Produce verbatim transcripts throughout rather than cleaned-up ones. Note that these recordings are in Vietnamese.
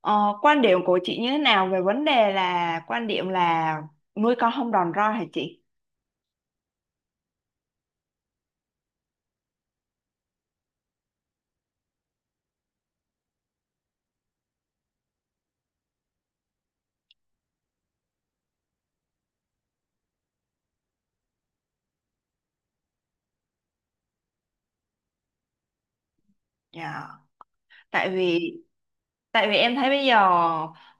Ờ, quan điểm của chị như thế nào về vấn đề là quan điểm là nuôi con không đòn roi hả chị? Dạ. Tại vì Tại vì em thấy bây giờ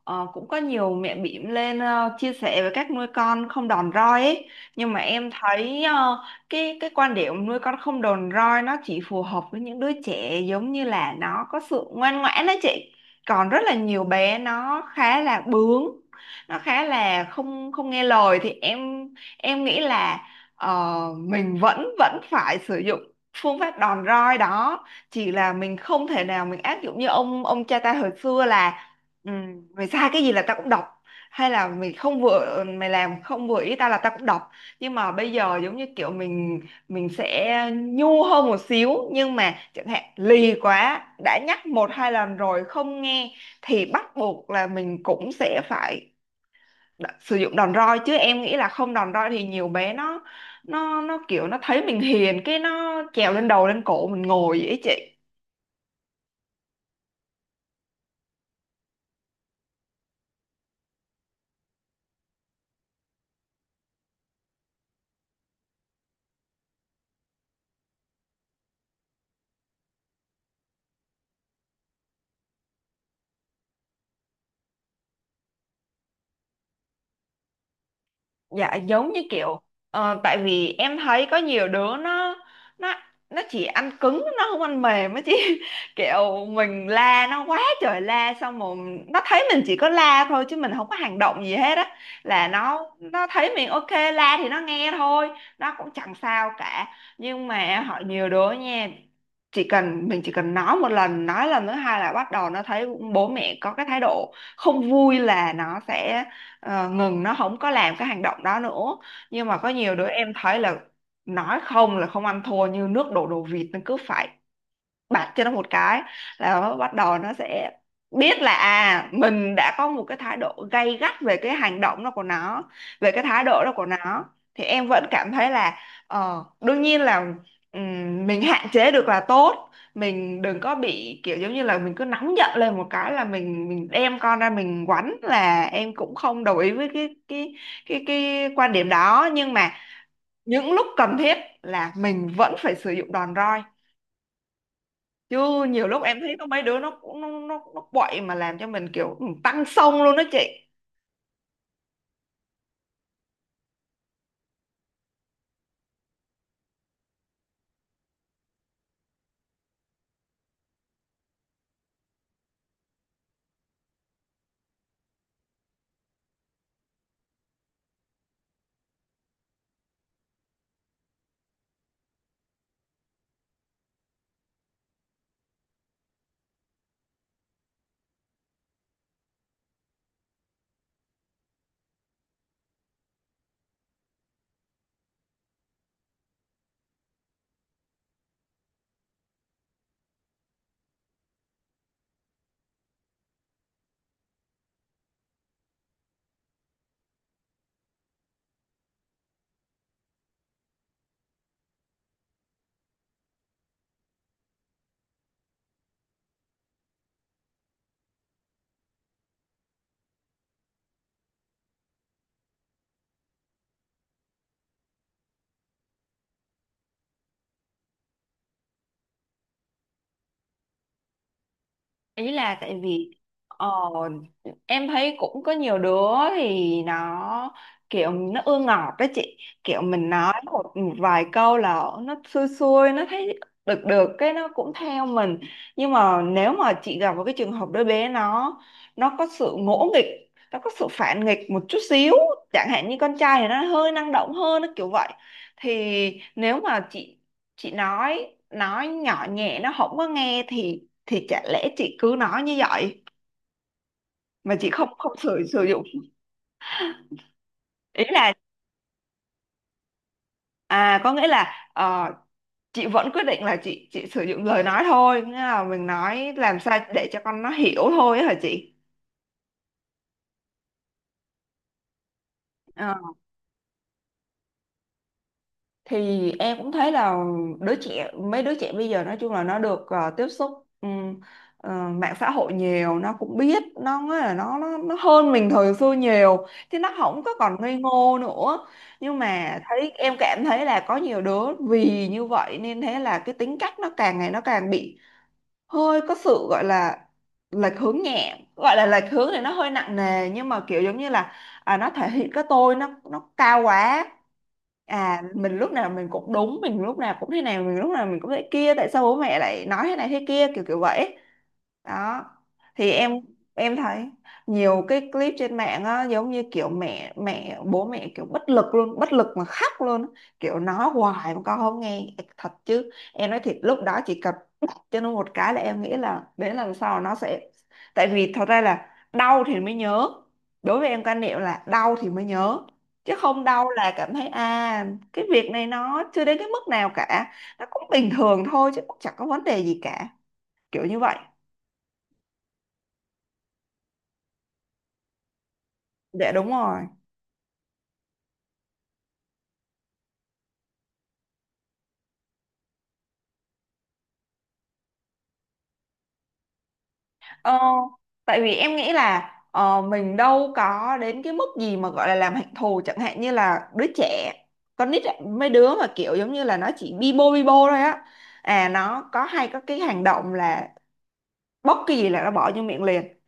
ờ, cũng có nhiều mẹ bỉm lên ờ, chia sẻ về cách nuôi con không đòn roi ấy. Nhưng mà em thấy ờ, cái cái quan điểm nuôi con không đòn roi nó chỉ phù hợp với những đứa trẻ giống như là nó có sự ngoan ngoãn đó chị. Còn rất là nhiều bé nó khá là bướng, nó khá là không không nghe lời thì em em nghĩ là ờ, mình vẫn vẫn phải sử dụng phương pháp đòn roi đó, chỉ là mình không thể nào mình áp dụng như ông ông cha ta hồi xưa là ừ, mày sai cái gì là tao cũng đọc, hay là mày không vừa mày làm không vừa ý tao là tao cũng đọc. Nhưng mà bây giờ giống như kiểu mình mình sẽ nhu hơn một xíu, nhưng mà chẳng hạn lì quá đã nhắc một hai lần rồi không nghe thì bắt buộc là mình cũng sẽ phải đ- sử dụng đòn roi, chứ em nghĩ là không đòn roi thì nhiều bé nó nó nó kiểu nó thấy mình hiền cái nó trèo lên đầu lên cổ mình ngồi vậy ấy chị. Dạ, giống như kiểu ờ, tại vì em thấy có nhiều đứa nó nó nó chỉ ăn cứng nó không ăn mềm á chị. Kiểu mình la nó quá trời la xong rồi nó thấy mình chỉ có la thôi chứ mình không có hành động gì hết á, là nó nó thấy mình ok la thì nó nghe thôi, nó cũng chẳng sao cả. Nhưng mà họ nhiều đứa nha, chỉ cần mình chỉ cần nói một lần nói lần thứ hai là bắt đầu nó thấy bố mẹ có cái thái độ không vui là nó sẽ ờ, ngừng, nó không có làm cái hành động đó nữa. Nhưng mà có nhiều đứa em thấy là nói không là không ăn thua, như nước đổ đồ vịt, nó cứ phải bạt cho nó một cái là nó bắt đầu nó sẽ biết là à, mình đã có một cái thái độ gay gắt về cái hành động đó của nó, về cái thái độ đó của nó. Thì em vẫn cảm thấy là ờ, đương nhiên là ừm, mình hạn chế được là tốt, mình đừng có bị kiểu giống như là mình cứ nóng giận lên một cái là mình mình đem con ra mình quánh, là em cũng không đồng ý với cái cái cái cái quan điểm đó. Nhưng mà những lúc cần thiết là mình vẫn phải sử dụng đòn roi, chứ nhiều lúc em thấy có mấy đứa nó cũng nó nó, nó quậy mà làm cho mình kiểu ừ, tăng xông luôn đó chị. Ý là tại vì ờ, em thấy cũng có nhiều đứa thì nó kiểu nó ưa ngọt đó chị, kiểu mình nói một, một vài câu là nó xui xui nó thấy được được cái nó cũng theo mình. Nhưng mà nếu mà chị gặp một cái trường hợp đứa bé nó nó có sự ngỗ nghịch, nó có sự phản nghịch một chút xíu, chẳng hạn như con trai thì nó hơi năng động hơn, nó kiểu vậy, thì nếu mà chị chị nói nói nhỏ nhẹ nó không có nghe thì thì chả lẽ chị cứ nói như vậy mà chị không không sử sử dụng. Ý là à, có nghĩa là ờ, chị vẫn quyết định là chị chị sử dụng lời nói thôi, nghĩa là mình nói làm sao để cho con nó hiểu thôi á hả chị. Ờ. Thì em cũng thấy là đứa trẻ mấy đứa trẻ bây giờ nói chung là nó được ờ, tiếp xúc ừm, ờ, mạng xã hội nhiều, nó cũng biết nó nói là nó nó nó hơn mình thời xưa nhiều thì nó không có còn ngây ngô nữa. Nhưng mà thấy em cảm thấy là có nhiều đứa vì như vậy nên thế là cái tính cách nó càng ngày nó càng bị hơi có sự gọi là lệch hướng nhẹ, gọi là lệch hướng thì nó hơi nặng nề nhưng mà kiểu giống như là à, nó thể hiện cái tôi nó nó cao quá, à mình lúc nào mình cũng đúng, mình lúc nào cũng thế này, mình lúc nào mình cũng thế kia, tại sao bố mẹ lại nói thế này thế kia kiểu kiểu vậy. Đó thì em em thấy nhiều cái clip trên mạng á, giống như kiểu mẹ mẹ bố mẹ kiểu bất lực luôn, bất lực mà khóc luôn á, kiểu nói hoài mà con không nghe. Thật chứ em nói thiệt lúc đó chỉ cần bóp cho nó một cái là em nghĩ là đến lần sau nó sẽ, tại vì thật ra là đau thì mới nhớ. Đối với em quan niệm là đau thì mới nhớ, chứ không đau là cảm thấy à cái việc này nó chưa đến cái mức nào cả, nó cũng bình thường thôi chứ cũng chẳng có vấn đề gì cả, kiểu như vậy. Dạ đúng rồi. ờ, Tại vì em nghĩ là ờ, mình đâu có đến cái mức gì mà gọi là làm hạnh thù, chẳng hạn như là đứa trẻ con nít ấy, mấy đứa mà kiểu giống như là nó chỉ bi bô bi bô thôi á, à nó có hay có cái hành động là bóc cái gì là nó bỏ vô miệng liền,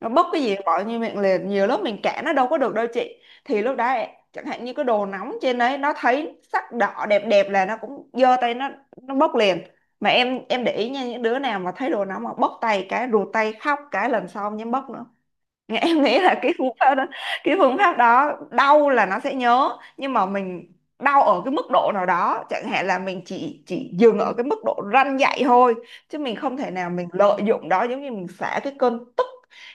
nó bốc cái gì bỏ như miệng liền, nhiều lúc mình kẻ nó đâu có được đâu chị. Thì lúc đấy chẳng hạn như cái đồ nóng trên đấy nó thấy sắc đỏ đẹp đẹp là nó cũng giơ tay nó nó bốc liền. Mà em em để ý nha, những đứa nào mà thấy đồ nóng mà bốc tay cái rụt tay khóc cái lần sau không dám bốc nữa, em nghĩ là cái phương pháp đó, cái phương pháp đó đau là nó sẽ nhớ. Nhưng mà mình đau ở cái mức độ nào đó, chẳng hạn là mình chỉ chỉ dừng ở cái mức độ răn dạy thôi, chứ mình không thể nào mình lợi dụng đó giống như mình xả cái cơn tức.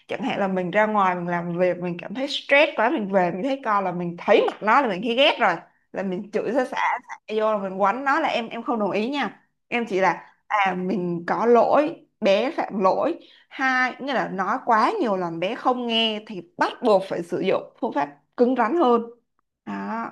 Chẳng hạn là mình ra ngoài mình làm việc mình cảm thấy stress quá, mình về mình thấy con là mình thấy mặt nó là mình thấy ghét rồi là mình chửi ra xả, xả vô là mình quánh nó, là em em không đồng ý nha. Em chỉ là à mình có lỗi bé phạm lỗi, hai nghĩa là nói quá nhiều làm bé không nghe thì bắt buộc phải sử dụng phương pháp cứng rắn hơn, đó.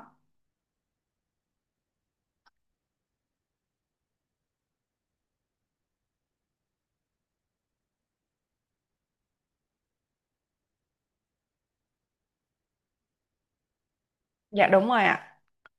Dạ đúng rồi ạ.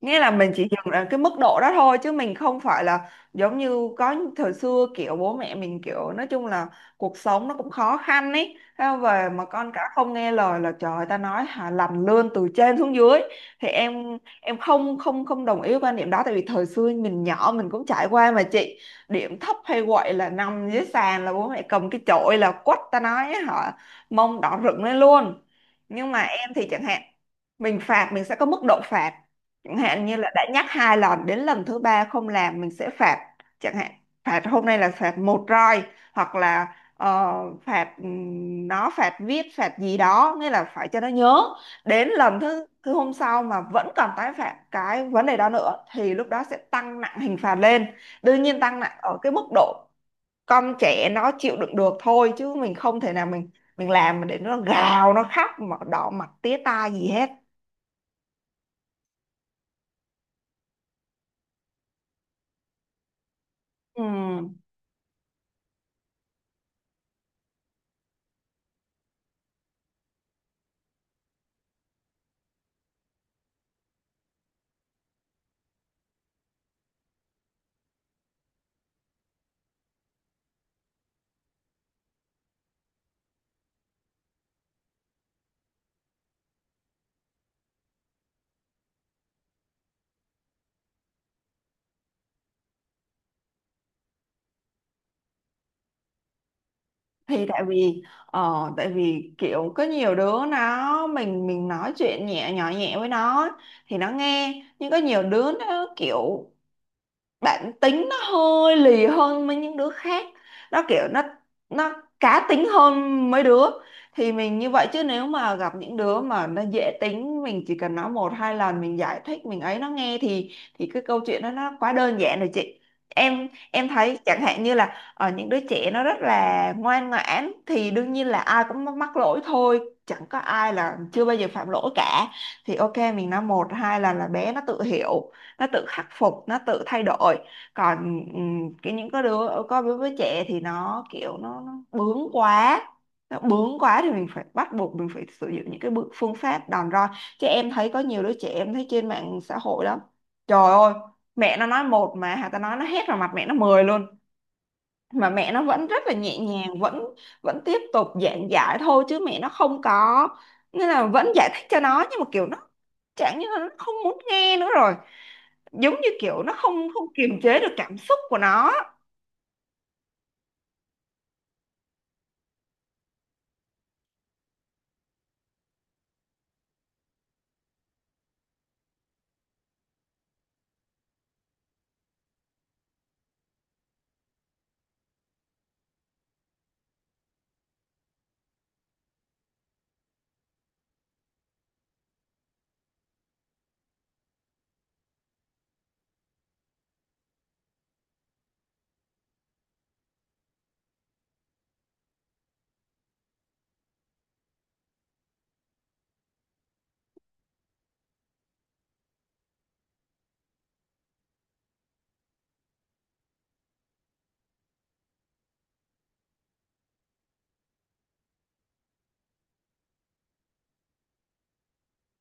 Nghĩa là mình chỉ dừng ở cái mức độ đó thôi chứ mình không phải là giống như có thời xưa kiểu bố mẹ mình kiểu nói chung là cuộc sống nó cũng khó khăn ấy. Thế mà về mà con cả không nghe lời là trời ơi, ta nói hả làm lươn từ trên xuống dưới, thì em em không không không đồng ý với quan điểm đó, tại vì thời xưa mình nhỏ mình cũng trải qua mà chị, điểm thấp hay quậy là nằm dưới sàn là bố mẹ cầm cái chổi là quất ta nói hả mông đỏ rực lên luôn. Nhưng mà em thì chẳng hạn mình phạt mình sẽ có mức độ phạt, chẳng hạn như là đã nhắc hai lần đến lần thứ ba không làm mình sẽ phạt, chẳng hạn phạt hôm nay là phạt một roi, hoặc là ờ, phạt ừm, nó phạt viết phạt gì đó, nghĩa là phải cho nó nhớ. Đến lần thứ thứ hôm sau mà vẫn còn tái phạm cái vấn đề đó nữa thì lúc đó sẽ tăng nặng hình phạt lên, đương nhiên tăng nặng ở cái mức độ con trẻ nó chịu đựng được thôi, chứ mình không thể nào mình mình làm để nó gào nó khóc mà đỏ mặt tía tai gì hết. Ừ, thì tại vì ờ, tại vì kiểu có nhiều đứa nó mình mình nói chuyện nhẹ nhỏ nhẹ với nó thì nó nghe, nhưng có nhiều đứa nó kiểu bản tính nó hơi lì hơn mấy những đứa khác, nó kiểu nó nó cá tính hơn mấy đứa, thì mình như vậy chứ nếu mà gặp những đứa mà nó dễ tính mình chỉ cần nói một hai lần mình giải thích mình ấy nó nghe thì thì cái câu chuyện đó nó quá đơn giản rồi chị. Em em thấy chẳng hạn như là ở những đứa trẻ nó rất là ngoan ngoãn thì đương nhiên là ai cũng mắc mắc lỗi thôi, chẳng có ai là chưa bao giờ phạm lỗi cả, thì ok mình nói một hai lần là bé nó tự hiểu, nó tự khắc phục nó tự thay đổi. Còn ừm, cái những cái đứa có đứa với trẻ thì nó kiểu nó, nó bướng quá, nó bướng quá thì mình phải bắt buộc mình phải sử dụng những cái bước phương pháp đòn roi, chứ em thấy có nhiều đứa trẻ em thấy trên mạng xã hội lắm, trời ơi, mẹ nó nói một mà hà ta nói nó hét vào mặt mẹ nó mười luôn, mà mẹ nó vẫn rất là nhẹ nhàng vẫn vẫn tiếp tục giảng giải thôi chứ mẹ nó không có, nên là vẫn giải thích cho nó nhưng mà kiểu nó chẳng như là nó không muốn nghe nữa rồi, giống như kiểu nó không không kiềm chế được cảm xúc của nó.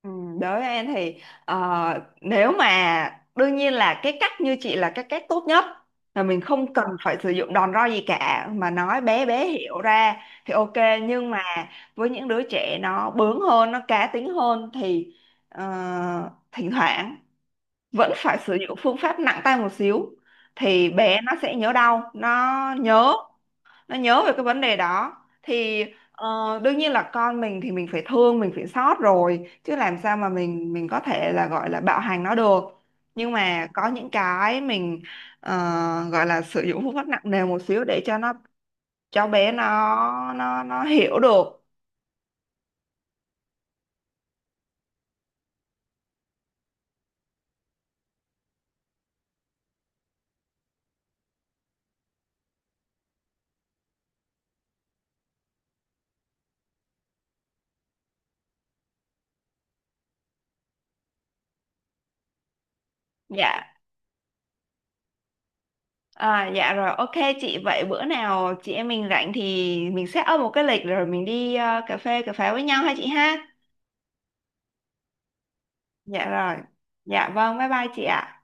Ừ, đối với em thì ờ, nếu mà đương nhiên là cái cách như chị là cái cách tốt nhất, là mình không cần phải sử dụng đòn roi gì cả mà nói bé bé hiểu ra thì ok. Nhưng mà với những đứa trẻ nó bướng hơn nó cá tính hơn thì ờ, thỉnh thoảng vẫn phải sử dụng phương pháp nặng tay một xíu thì bé nó sẽ nhớ đau, nó nhớ, nó nhớ về cái vấn đề đó. Thì ờ, đương nhiên là con mình thì mình phải thương mình phải xót rồi, chứ làm sao mà mình mình có thể là gọi là bạo hành nó được. Nhưng mà có những cái mình ờ, gọi là sử dụng phương pháp nặng nề một xíu để cho nó, cho bé nó nó nó hiểu được. Dạ, à, dạ rồi, ok chị. Vậy bữa nào chị em mình rảnh thì mình set up một cái lịch rồi mình đi ờ, cà phê cà pháo với nhau ha chị ha. Dạ rồi, dạ vâng, bye bye chị ạ.